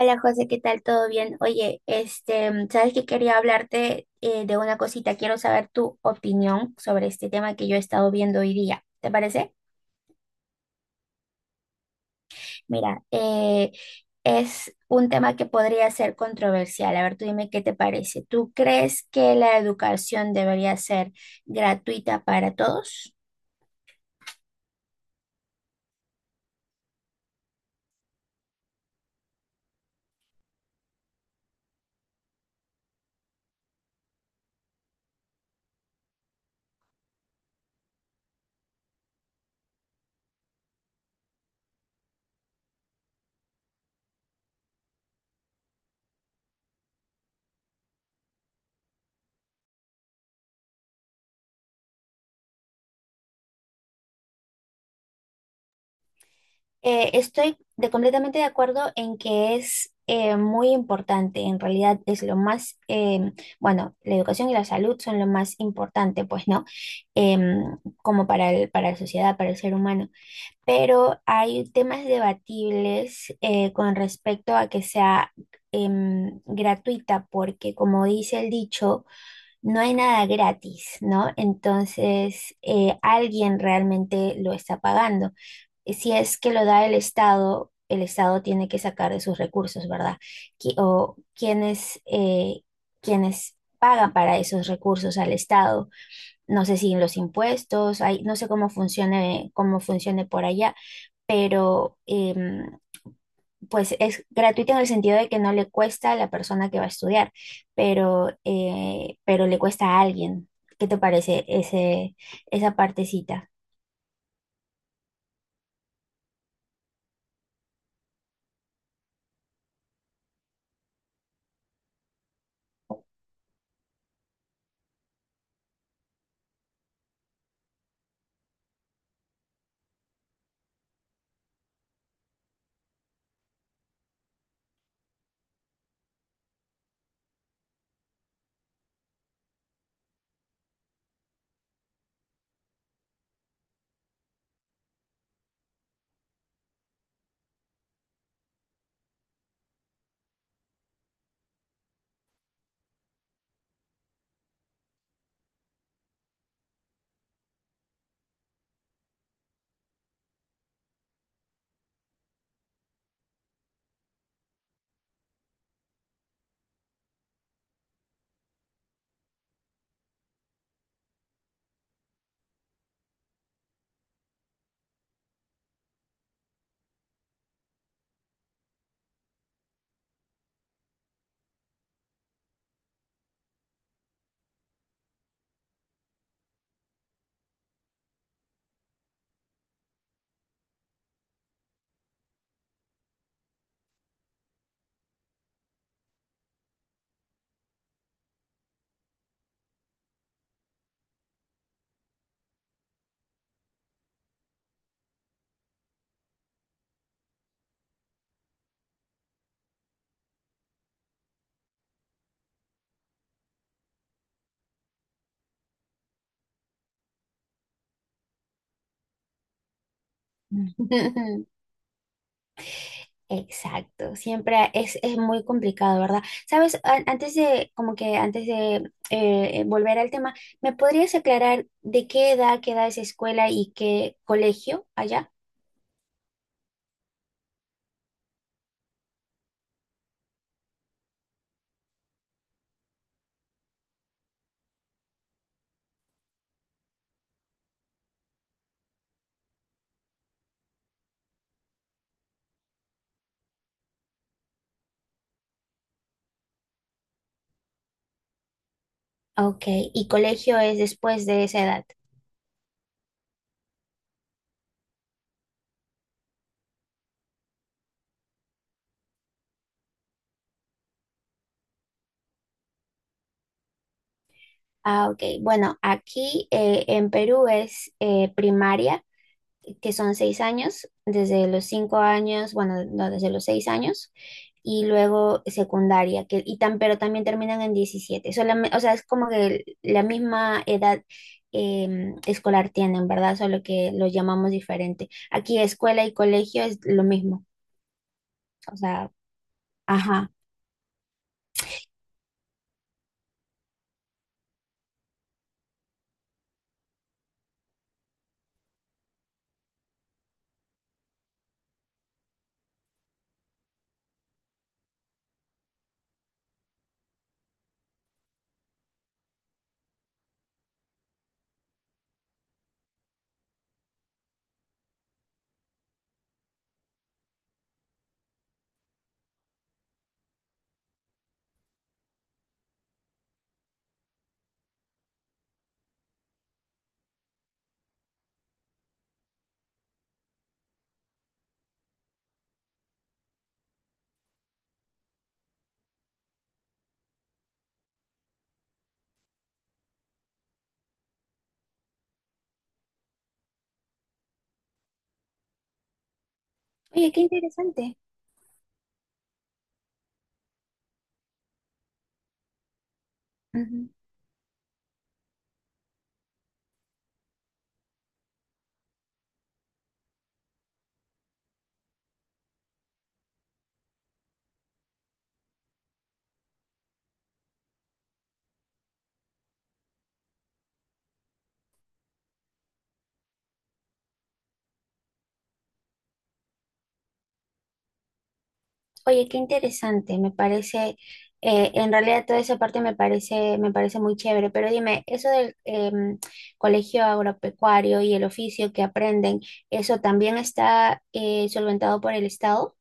Hola José, ¿qué tal? ¿Todo bien? Oye, sabes que quería hablarte de una cosita. Quiero saber tu opinión sobre este tema que yo he estado viendo hoy día. ¿Te parece? Mira, es un tema que podría ser controversial. A ver, tú dime qué te parece. ¿Tú crees que la educación debería ser gratuita para todos? Completamente de acuerdo en que es muy importante. En realidad es lo más, bueno, la educación y la salud son lo más importante, pues, ¿no? Como para para la sociedad, para el ser humano. Pero hay temas debatibles con respecto a que sea gratuita, porque como dice el dicho, no hay nada gratis, ¿no? Entonces, alguien realmente lo está pagando. Si es que lo da el Estado tiene que sacar de sus recursos, ¿verdad? O quienes, quienes pagan para esos recursos al Estado. No sé si en los impuestos, hay, no sé cómo funcione por allá, pero pues es gratuito en el sentido de que no le cuesta a la persona que va a estudiar, pero le cuesta a alguien. ¿Qué te parece esa partecita? Exacto, siempre es muy complicado, ¿verdad? Sabes, antes de, como que antes de volver al tema, ¿me podrías aclarar de qué edad queda esa escuela y qué colegio allá? Ok, y colegio es después de esa edad. Ah, ok, bueno, aquí en Perú es primaria, que son 6 años, desde los 5 años, bueno, no, desde los 6 años, y luego secundaria, que, y tan, pero también terminan en 17. O sea, es como que la misma edad escolar tienen, ¿verdad? Solo que lo llamamos diferente. Aquí escuela y colegio es lo mismo. O sea, ajá. Oye, qué interesante. Oye, qué interesante, me parece, en realidad toda esa parte me parece muy chévere, pero dime, eso del colegio agropecuario y el oficio que aprenden, ¿eso también está solventado por el Estado?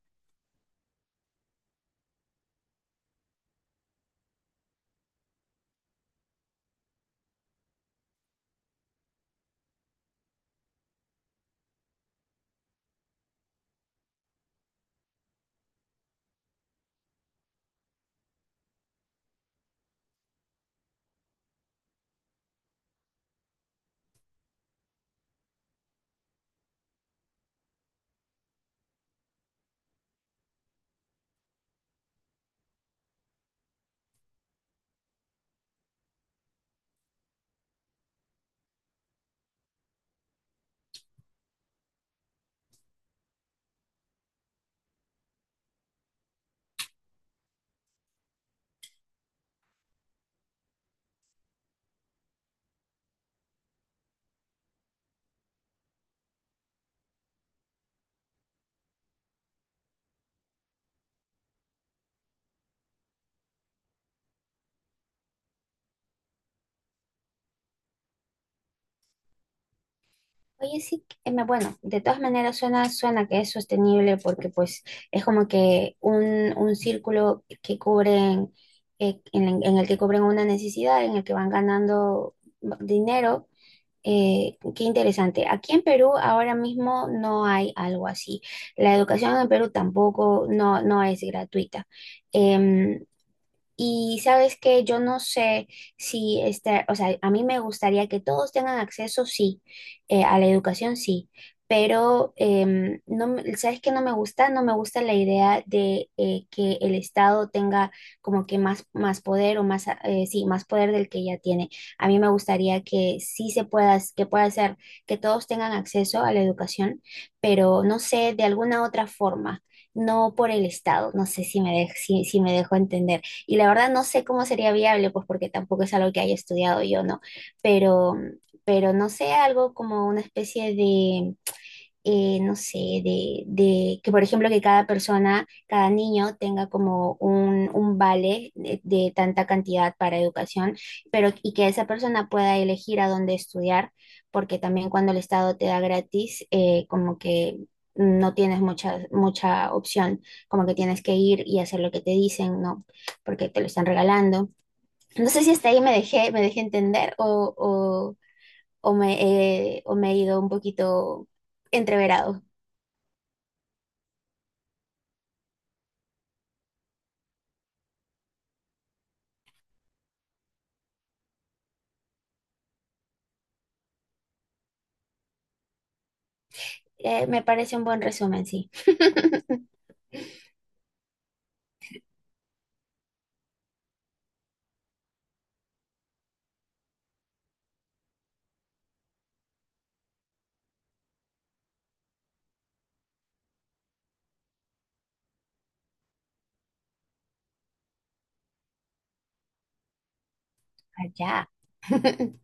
Oye, sí, bueno, de todas maneras suena, suena que es sostenible, porque pues es como que un círculo que cubren, en el que cubren una necesidad, en el que van ganando dinero. Qué interesante. Aquí en Perú ahora mismo no hay algo así. La educación en Perú tampoco no, no es gratuita. Em, y sabes que yo no sé si este, o sea, a mí me gustaría que todos tengan acceso, sí, a la educación, sí, pero no, sabes que no me gusta, no me gusta la idea de que el Estado tenga como que más, más poder o más, sí, más poder del que ya tiene. A mí me gustaría que sí se pueda, que pueda ser, que todos tengan acceso a la educación, pero no sé, de alguna otra forma, no por el Estado, no sé si me dejo, si me dejo entender. Y la verdad no sé cómo sería viable, pues porque tampoco es algo que haya estudiado yo, ¿no? Pero, pero no sé, algo como una especie de no sé, de que por ejemplo que cada persona, cada niño tenga como un vale de tanta cantidad para educación, pero y que esa persona pueda elegir a dónde estudiar, porque también cuando el Estado te da gratis, como que no tienes mucha, mucha opción, como que tienes que ir y hacer lo que te dicen, ¿no? Porque te lo están regalando. No sé si hasta ahí me dejé entender o me, o me he ido un poquito entreverado. Me parece un buen resumen, sí. Allá.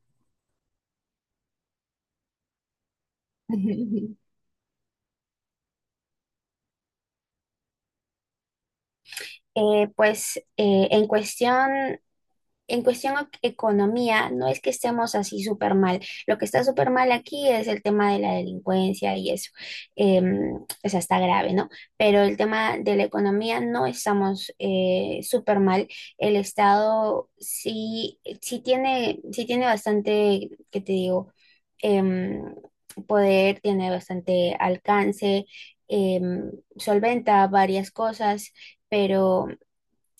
Eh, pues eh, en cuestión En cuestión economía, no es que estemos así súper mal. Lo que está súper mal aquí es el tema de la delincuencia y eso. Em, o sea, está grave, ¿no? Pero el tema de la economía no estamos súper mal. El Estado sí, sí tiene bastante, ¿qué te digo? Em, Poder, tiene bastante alcance, em, solventa varias cosas, pero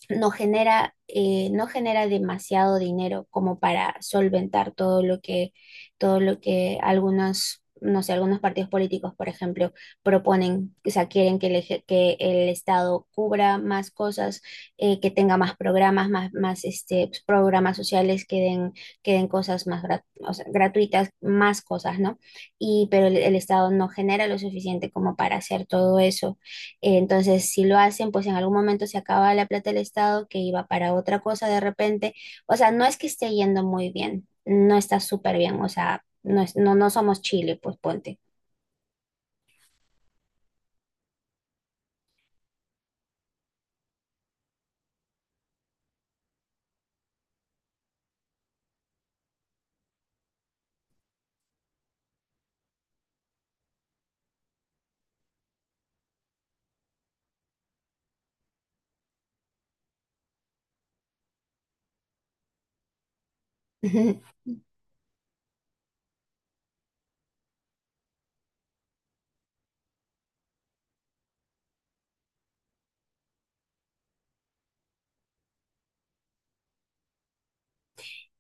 no genera, no genera demasiado dinero como para solventar todo lo todo lo que algunos, no sé, algunos partidos políticos, por ejemplo, proponen. O sea, quieren que que el Estado cubra más cosas, que tenga más programas, más este, pues, programas sociales, que den cosas más o sea, gratuitas, más cosas, ¿no? Y, pero el Estado no genera lo suficiente como para hacer todo eso. Entonces, si lo hacen, pues en algún momento se acaba la plata del Estado que iba para otra cosa de repente. O sea, no es que esté yendo muy bien, no está súper bien, o sea, no, no somos Chile, pues ponte. Jajaja.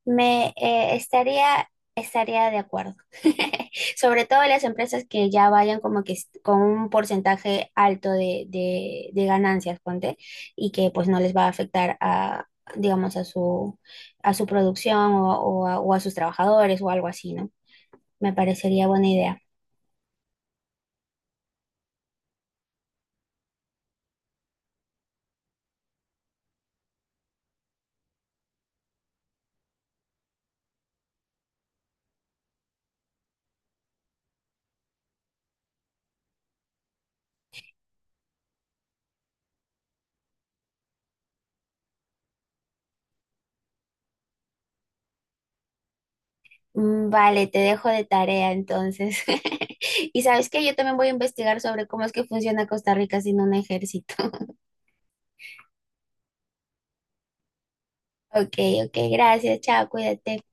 Estaría de acuerdo. Sobre todo las empresas que ya vayan como que con un porcentaje alto de, de ganancias, ponte, y que pues no les va a afectar a, digamos, a su producción o a sus trabajadores o algo así, ¿no? Me parecería buena idea. Mm, vale, te dejo de tarea entonces. Y sabes que yo también voy a investigar sobre cómo es que funciona Costa Rica sin un ejército. Ok, ok, gracias, chao, cuídate.